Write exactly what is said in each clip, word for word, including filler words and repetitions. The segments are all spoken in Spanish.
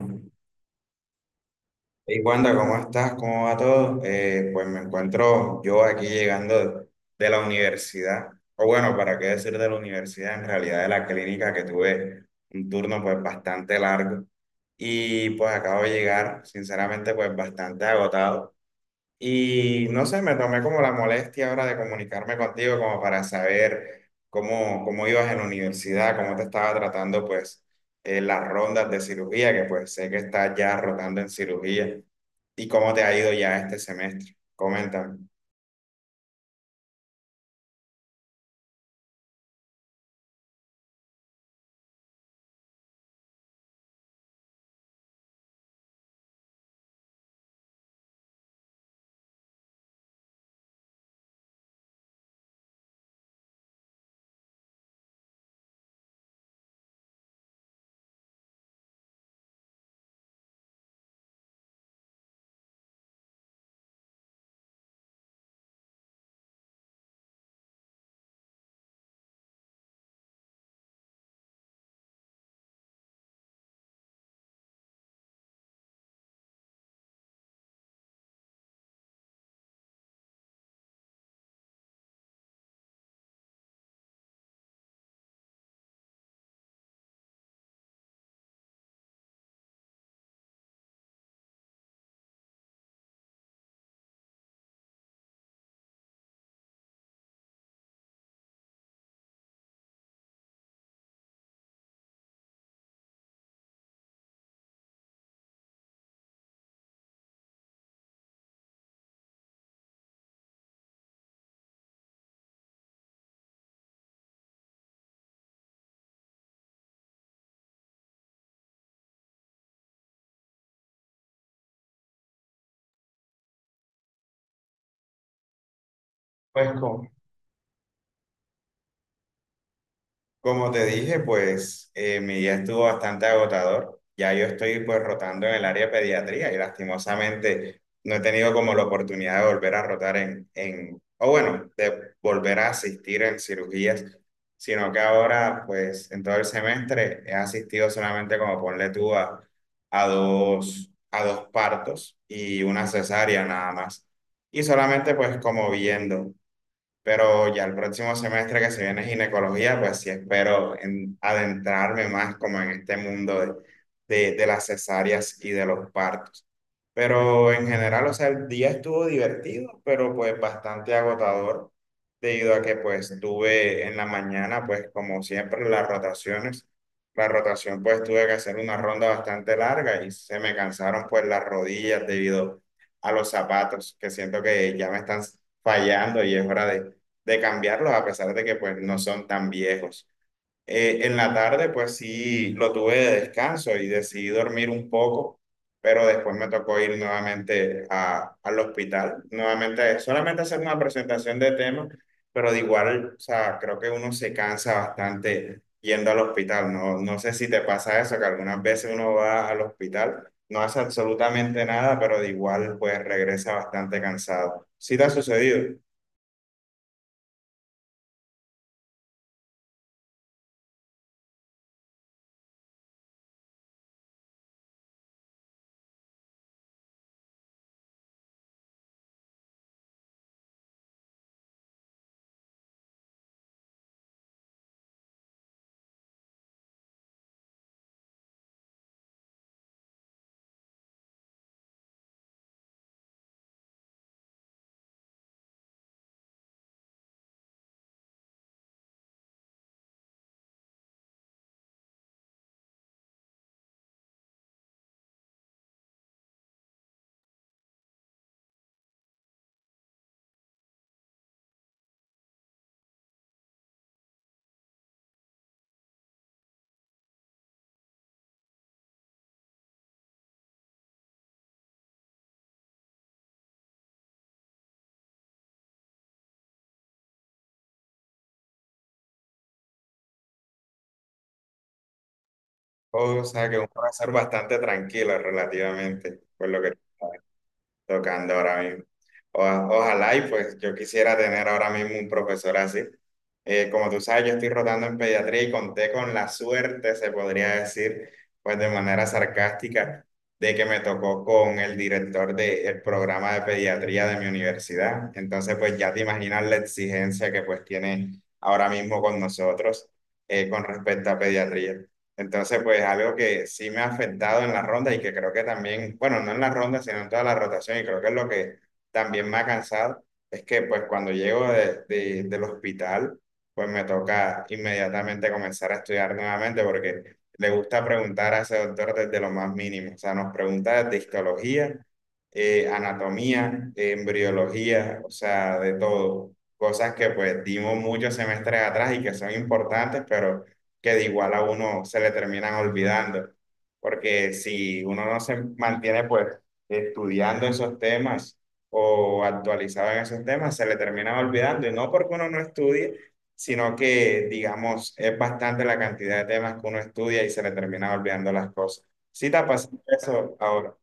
Hey Wanda, ¿cómo estás? ¿Cómo va todo? Eh, pues me encuentro yo aquí llegando de la universidad, o bueno, para qué decir de la universidad, en realidad de la clínica que tuve un turno pues bastante largo y pues acabo de llegar, sinceramente pues bastante agotado. Y no sé, me tomé como la molestia ahora de comunicarme contigo como para saber cómo, cómo ibas en la universidad, cómo te estaba tratando pues eh, las rondas de cirugía, que pues sé que estás ya rotando en cirugía, y cómo te ha ido ya este semestre. Coméntame. Pues, Como te dije, pues eh, mi día estuvo bastante agotador. Ya yo estoy pues rotando en el área de pediatría y lastimosamente no he tenido como la oportunidad de volver a rotar en, en o bueno, de volver a asistir en cirugías, sino que ahora pues en todo el semestre he asistido solamente como ponle tú a, a dos, a dos partos y una cesárea nada más. Y solamente pues como viendo. Pero ya el próximo semestre que se viene ginecología, pues sí espero en- adentrarme más como en este mundo de, de- de las cesáreas y de los partos. Pero en general, o sea, el día estuvo divertido, pero pues bastante agotador, debido a que pues tuve en la mañana, pues como siempre, las rotaciones. La rotación pues tuve que hacer una ronda bastante larga y se me cansaron pues las rodillas debido a los zapatos, que siento que ya me están fallando y es hora de de cambiarlos a pesar de que pues no son tan viejos. Eh, en la tarde pues sí lo tuve de descanso y decidí dormir un poco, pero después me tocó ir nuevamente a, al hospital, nuevamente solamente hacer una presentación de temas, pero de igual, o sea, creo que uno se cansa bastante yendo al hospital. No, no sé si te pasa eso, que algunas veces uno va al hospital, no hace absolutamente nada, pero de igual pues regresa bastante cansado. ¿Sí te ha sucedido? O sea, que un profesor bastante tranquilo relativamente, pues lo que estoy tocando ahora mismo. O- ojalá y pues yo quisiera tener ahora mismo un profesor así. Eh, como tú sabes, yo estoy rotando en pediatría y conté con la suerte, se podría decir, pues de manera sarcástica, de que me tocó con el director del programa de pediatría de mi universidad. Entonces, pues ya te imaginas la exigencia que pues tiene ahora mismo con nosotros eh, con respecto a pediatría. Entonces, pues algo que sí me ha afectado en la ronda y que creo que también, bueno, no en la ronda, sino en toda la rotación, y creo que es lo que también me ha cansado, es que pues cuando llego de- de- del hospital, pues me toca inmediatamente comenzar a estudiar nuevamente porque le gusta preguntar a ese doctor desde lo más mínimo, o sea, nos pregunta desde histología, eh, anatomía, embriología, o sea, de todo, cosas que pues dimos muchos semestres atrás y que son importantes, pero que de igual a uno se le terminan olvidando, porque si uno no se mantiene pues estudiando esos temas o actualizado en esos temas, se le terminan olvidando, y no porque uno no estudie, sino que, digamos, es bastante la cantidad de temas que uno estudia y se le terminan olvidando las cosas. ¿Sí te ha pasado eso ahora?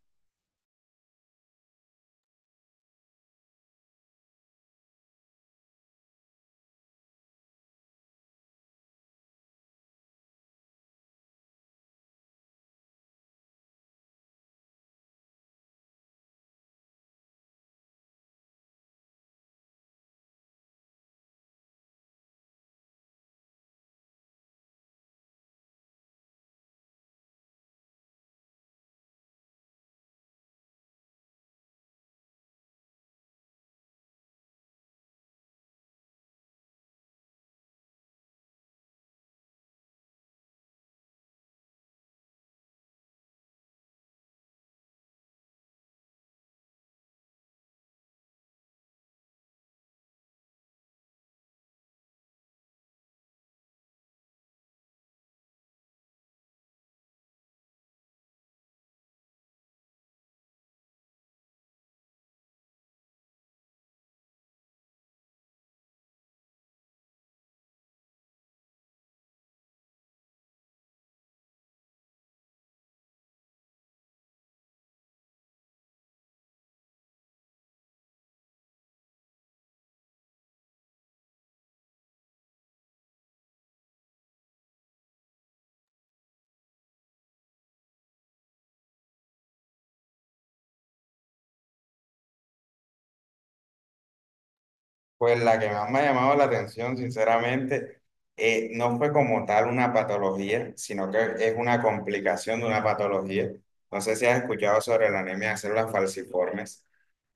Pues la que más me ha llamado la atención, sinceramente, eh, no fue como tal una patología, sino que es una complicación de una patología. No sé si has escuchado sobre la anemia de células falciformes.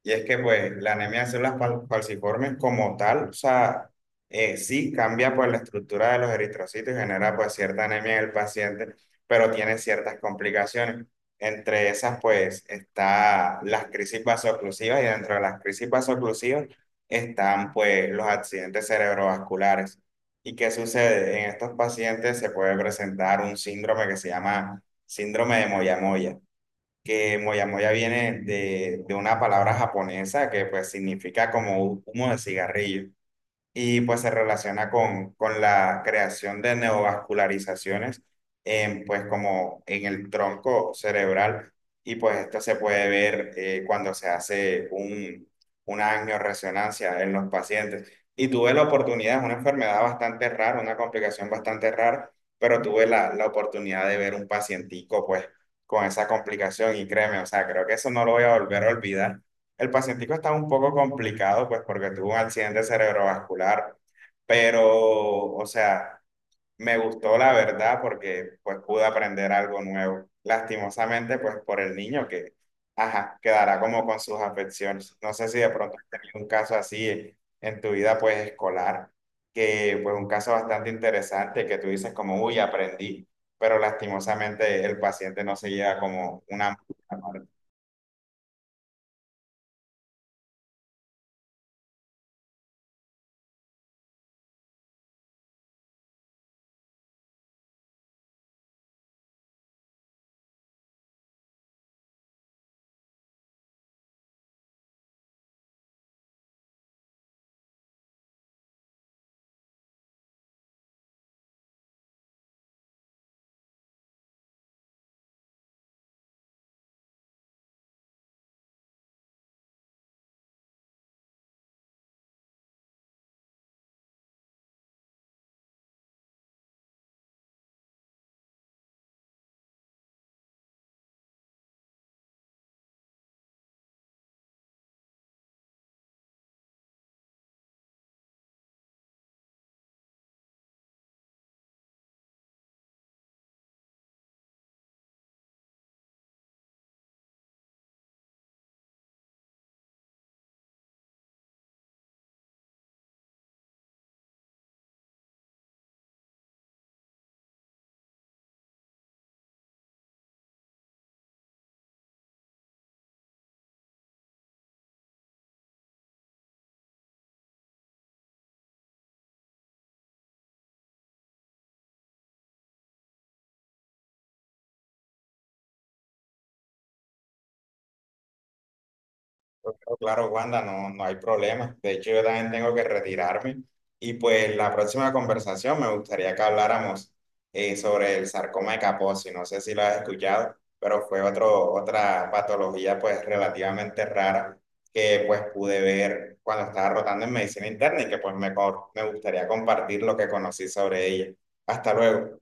Y es que pues la anemia de células fal- falciformes como tal, o sea, eh, sí cambia pues la estructura de los eritrocitos y genera pues cierta anemia en el paciente, pero tiene ciertas complicaciones. Entre esas pues está las crisis vasoclusivas y dentro de las crisis vasoclusivas están pues los accidentes cerebrovasculares. ¿Y qué sucede? En estos pacientes se puede presentar un síndrome que se llama síndrome de Moyamoya, que moyamoya viene de, de una palabra japonesa que pues significa como humo de cigarrillo y pues se relaciona con, con la creación de neovascularizaciones en, pues como en el tronco cerebral, y pues esto se puede ver eh, cuando se hace un, una angioresonancia en los pacientes. Y tuve la oportunidad, es una enfermedad bastante rara, una complicación bastante rara, pero tuve la, la oportunidad de ver un pacientico pues con esa complicación y créeme, o sea, creo que eso no lo voy a volver a olvidar. El pacientico está un poco complicado, pues, porque tuvo un accidente cerebrovascular, pero, o sea, me gustó la verdad porque, pues, pude aprender algo nuevo. Lastimosamente, pues, por el niño que, ajá, quedará como con sus afecciones. No sé si de pronto has tenido un caso así en, en tu vida, pues, escolar, que, pues, un caso bastante interesante que tú dices como, uy, aprendí, pero lastimosamente el paciente no se lleva como una. Claro, claro, Wanda, no, no hay problema. De hecho, yo también tengo que retirarme. Y pues la próxima conversación me gustaría que habláramos eh, sobre el sarcoma de Kaposi. No sé si lo has escuchado, pero fue otro, otra patología pues relativamente rara que pues pude ver cuando estaba rotando en medicina interna y que pues me, co- me gustaría compartir lo que conocí sobre ella. Hasta luego.